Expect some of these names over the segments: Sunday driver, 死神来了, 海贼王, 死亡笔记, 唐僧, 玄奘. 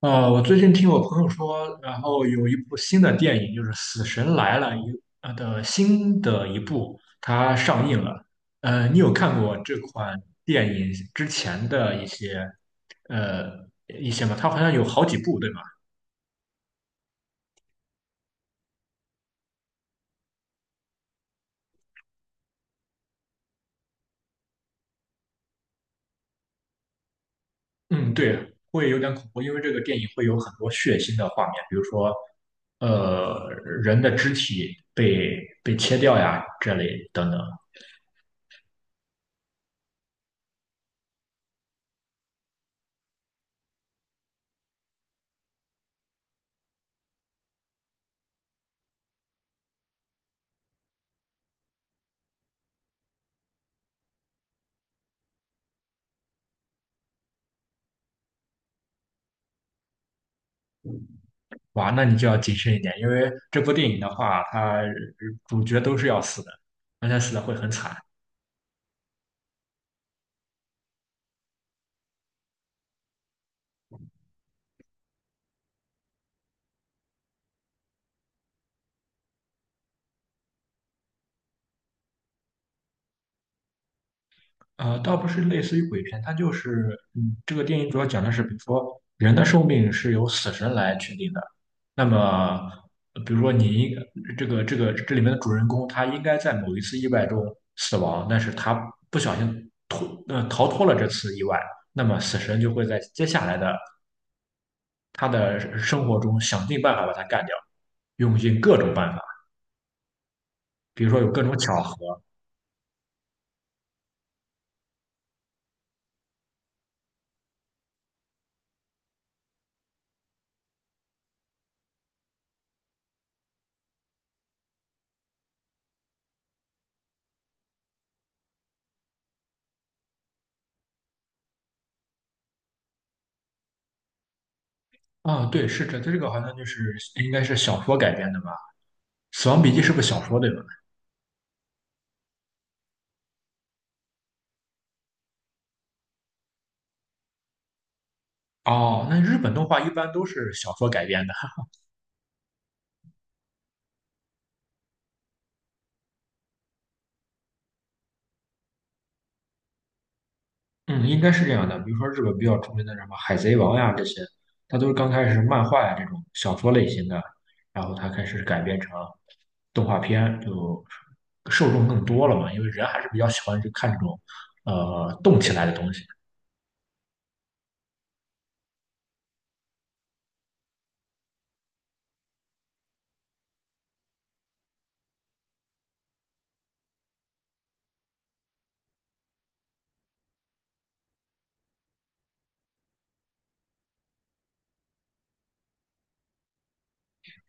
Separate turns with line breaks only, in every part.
我最近听我朋友说，然后有一部新的电影，就是《死神来了》的新的一部，它上映了。你有看过这款电影之前的一些呃一些吗？它好像有好几部，对吗？嗯，对，会有点恐怖，因为这个电影会有很多血腥的画面，比如说呃人的肢体被切掉呀这类等等。哇，那你就要谨慎一点，因为这部电影的话，它主角都是要死的，而且死的会很惨。倒不是类似于鬼片，它就是，这个电影主要讲的是，比如说人的寿命是由死神来确定的。那么，比如说这个这里面的主人公，他应该在某一次意外中死亡，但是他不小心逃脱了这次意外，那么死神就会在接下来的他的生活中想尽办法把他干掉，用尽各种办法。比如说有各种巧合。啊，对，是这个好像就是应该是小说改编的吧，《死亡笔记》是不是小说对吧？哦，那日本动画一般都是小说改编的，嗯，应该是这样的。比如说日本比较出名的什么《海贼王》呀这些，它都是刚开始是漫画呀这种小说类型的，然后它开始改编成动画片，就受众更多了嘛，因为人还是比较喜欢去看这种动起来的东西。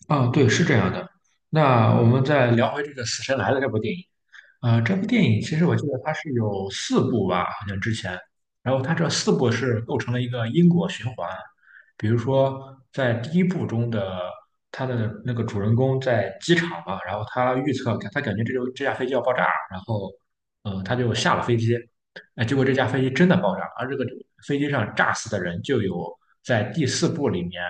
啊，对，是这样的。那我们再聊回这个《死神来了》这部电影。这部电影其实我记得它是有四部吧，好像之前。然后它这四部是构成了一个因果循环。比如说，在第一部中的他的那个主人公在机场嘛，然后他预测，他感觉这架飞机要爆炸，然后，他就下了飞机。哎，结果这架飞机真的爆炸，而这个飞机上炸死的人就有在第四部里面。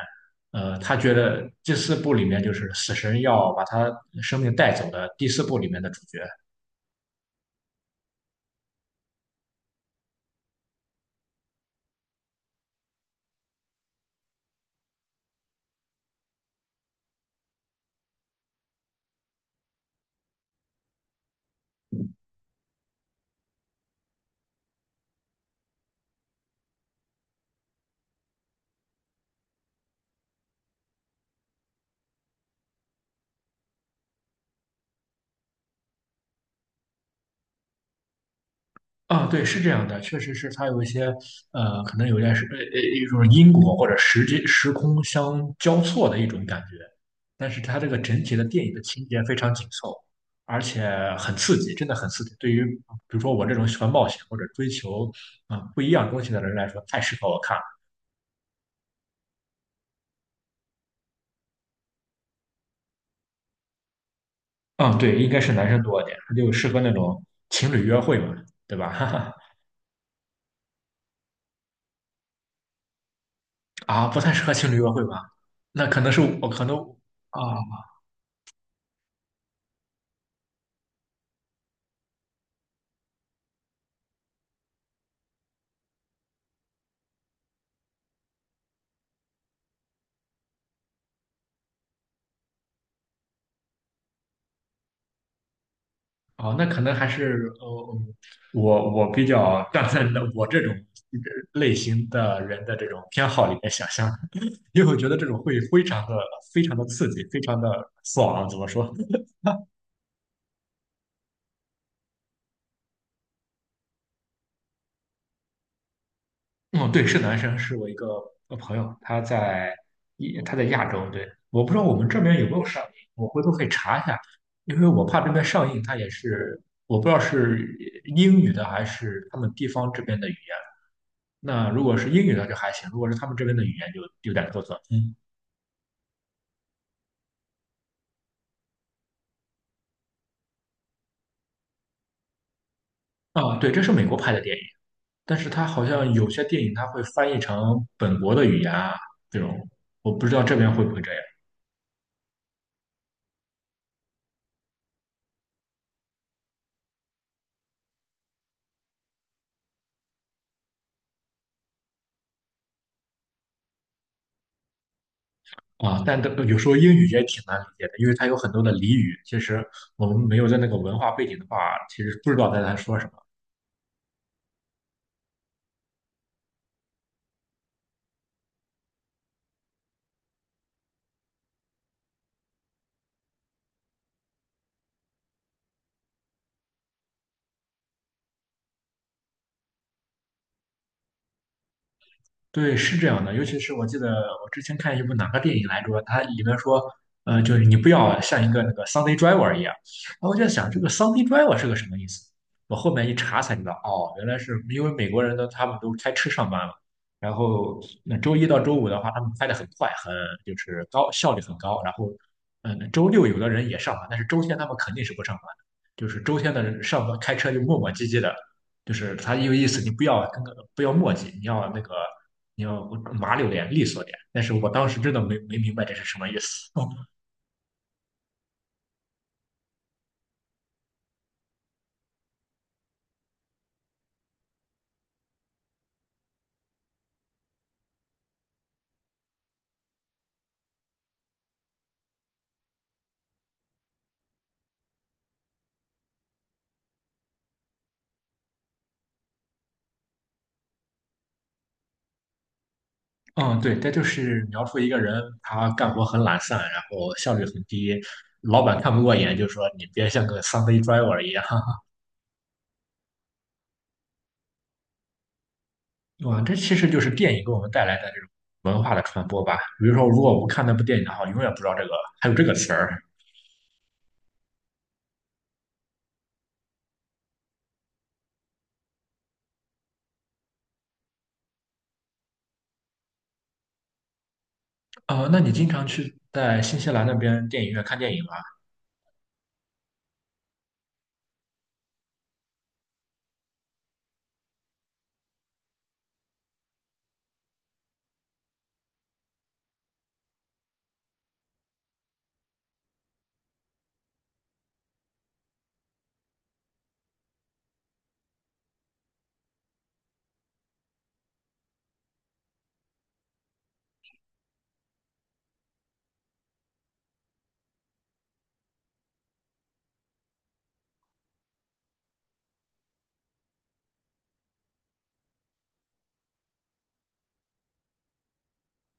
他觉得第四部里面就是死神要把他生命带走的第四部里面的主角。啊，对，是这样的，确实是他有一些可能有点是一种因果或者时空相交错的一种感觉，但是他这个整体的电影的情节非常紧凑，而且很刺激，真的很刺激。对于比如说我这种喜欢冒险或者追求不一样东西的人来说，太适合我看了。嗯，对，应该是男生多一点，他就适合那种情侣约会嘛，对吧？哈哈。啊，不太适合情侣约会吧？那可能是我可能啊。啊，那可能还是嗯我比较站在那我这种类型的人的这种偏好里面想象，因为我觉得这种会非常的非常的刺激，非常的爽，怎么说？嗯，对，是男生，是我一个朋友，他在亚洲，对，我不知道我们这边有没有上映，我回头可以查一下，因为我怕这边上映，它也是我不知道是英语的还是他们地方这边的语言。那如果是英语的就还行，如果是他们这边的语言就有点做作。嗯。啊，对，这是美国拍的电影，但是它好像有些电影它会翻译成本国的语言啊，这种我不知道这边会不会这样。啊，但的有时候英语也挺难理解的，因为它有很多的俚语，其实我们没有在那个文化背景的话，其实不知道在他说什么。对，是这样的，尤其是我记得我之前看一部哪个电影来着，它里面说，就是你不要像一个那个 Sunday driver 一样。然后我就在想，这个 Sunday driver 是个什么意思？我后面一查才知道，哦，原来是因为美国人呢，他们都开车上班嘛，然后那周一到周五的话，他们开得很快，就是高效率很高。然后，周六有的人也上班，但是周天他们肯定是不上班的，就是周天的人上班开车就磨磨唧唧的，就是他有意思，你不要不要墨迹，你要你要麻溜点、利索点。但是我当时真的没明白这是什么意思。哦，嗯，对，这就是描述一个人他干活很懒散，然后效率很低，老板看不过眼，就说你别像个 Sunday driver 一样。哇，这其实就是电影给我们带来的这种文化的传播吧。比如说，如果我不看那部电影的话，永远不知道这个还有这个词儿。那你经常去在新西兰那边电影院看电影吗？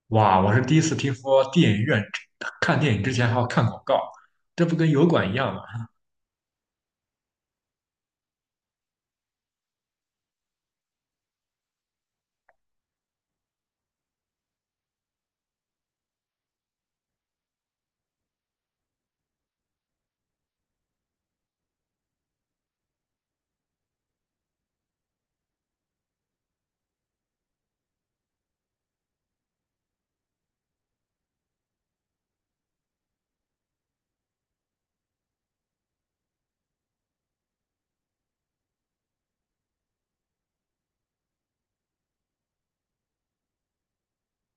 哇，我是第一次听说电影院看电影之前还要看广告，这不跟油管一样吗？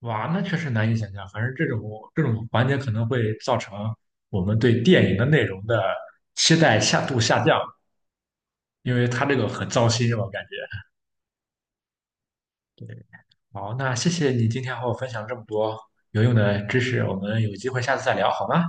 哇，那确实难以想象。反正这种环节可能会造成我们对电影的内容的期待下降，因为它这个很糟心，我感觉。好，那谢谢你今天和我分享这么多有用的知识，我们有机会下次再聊好吗？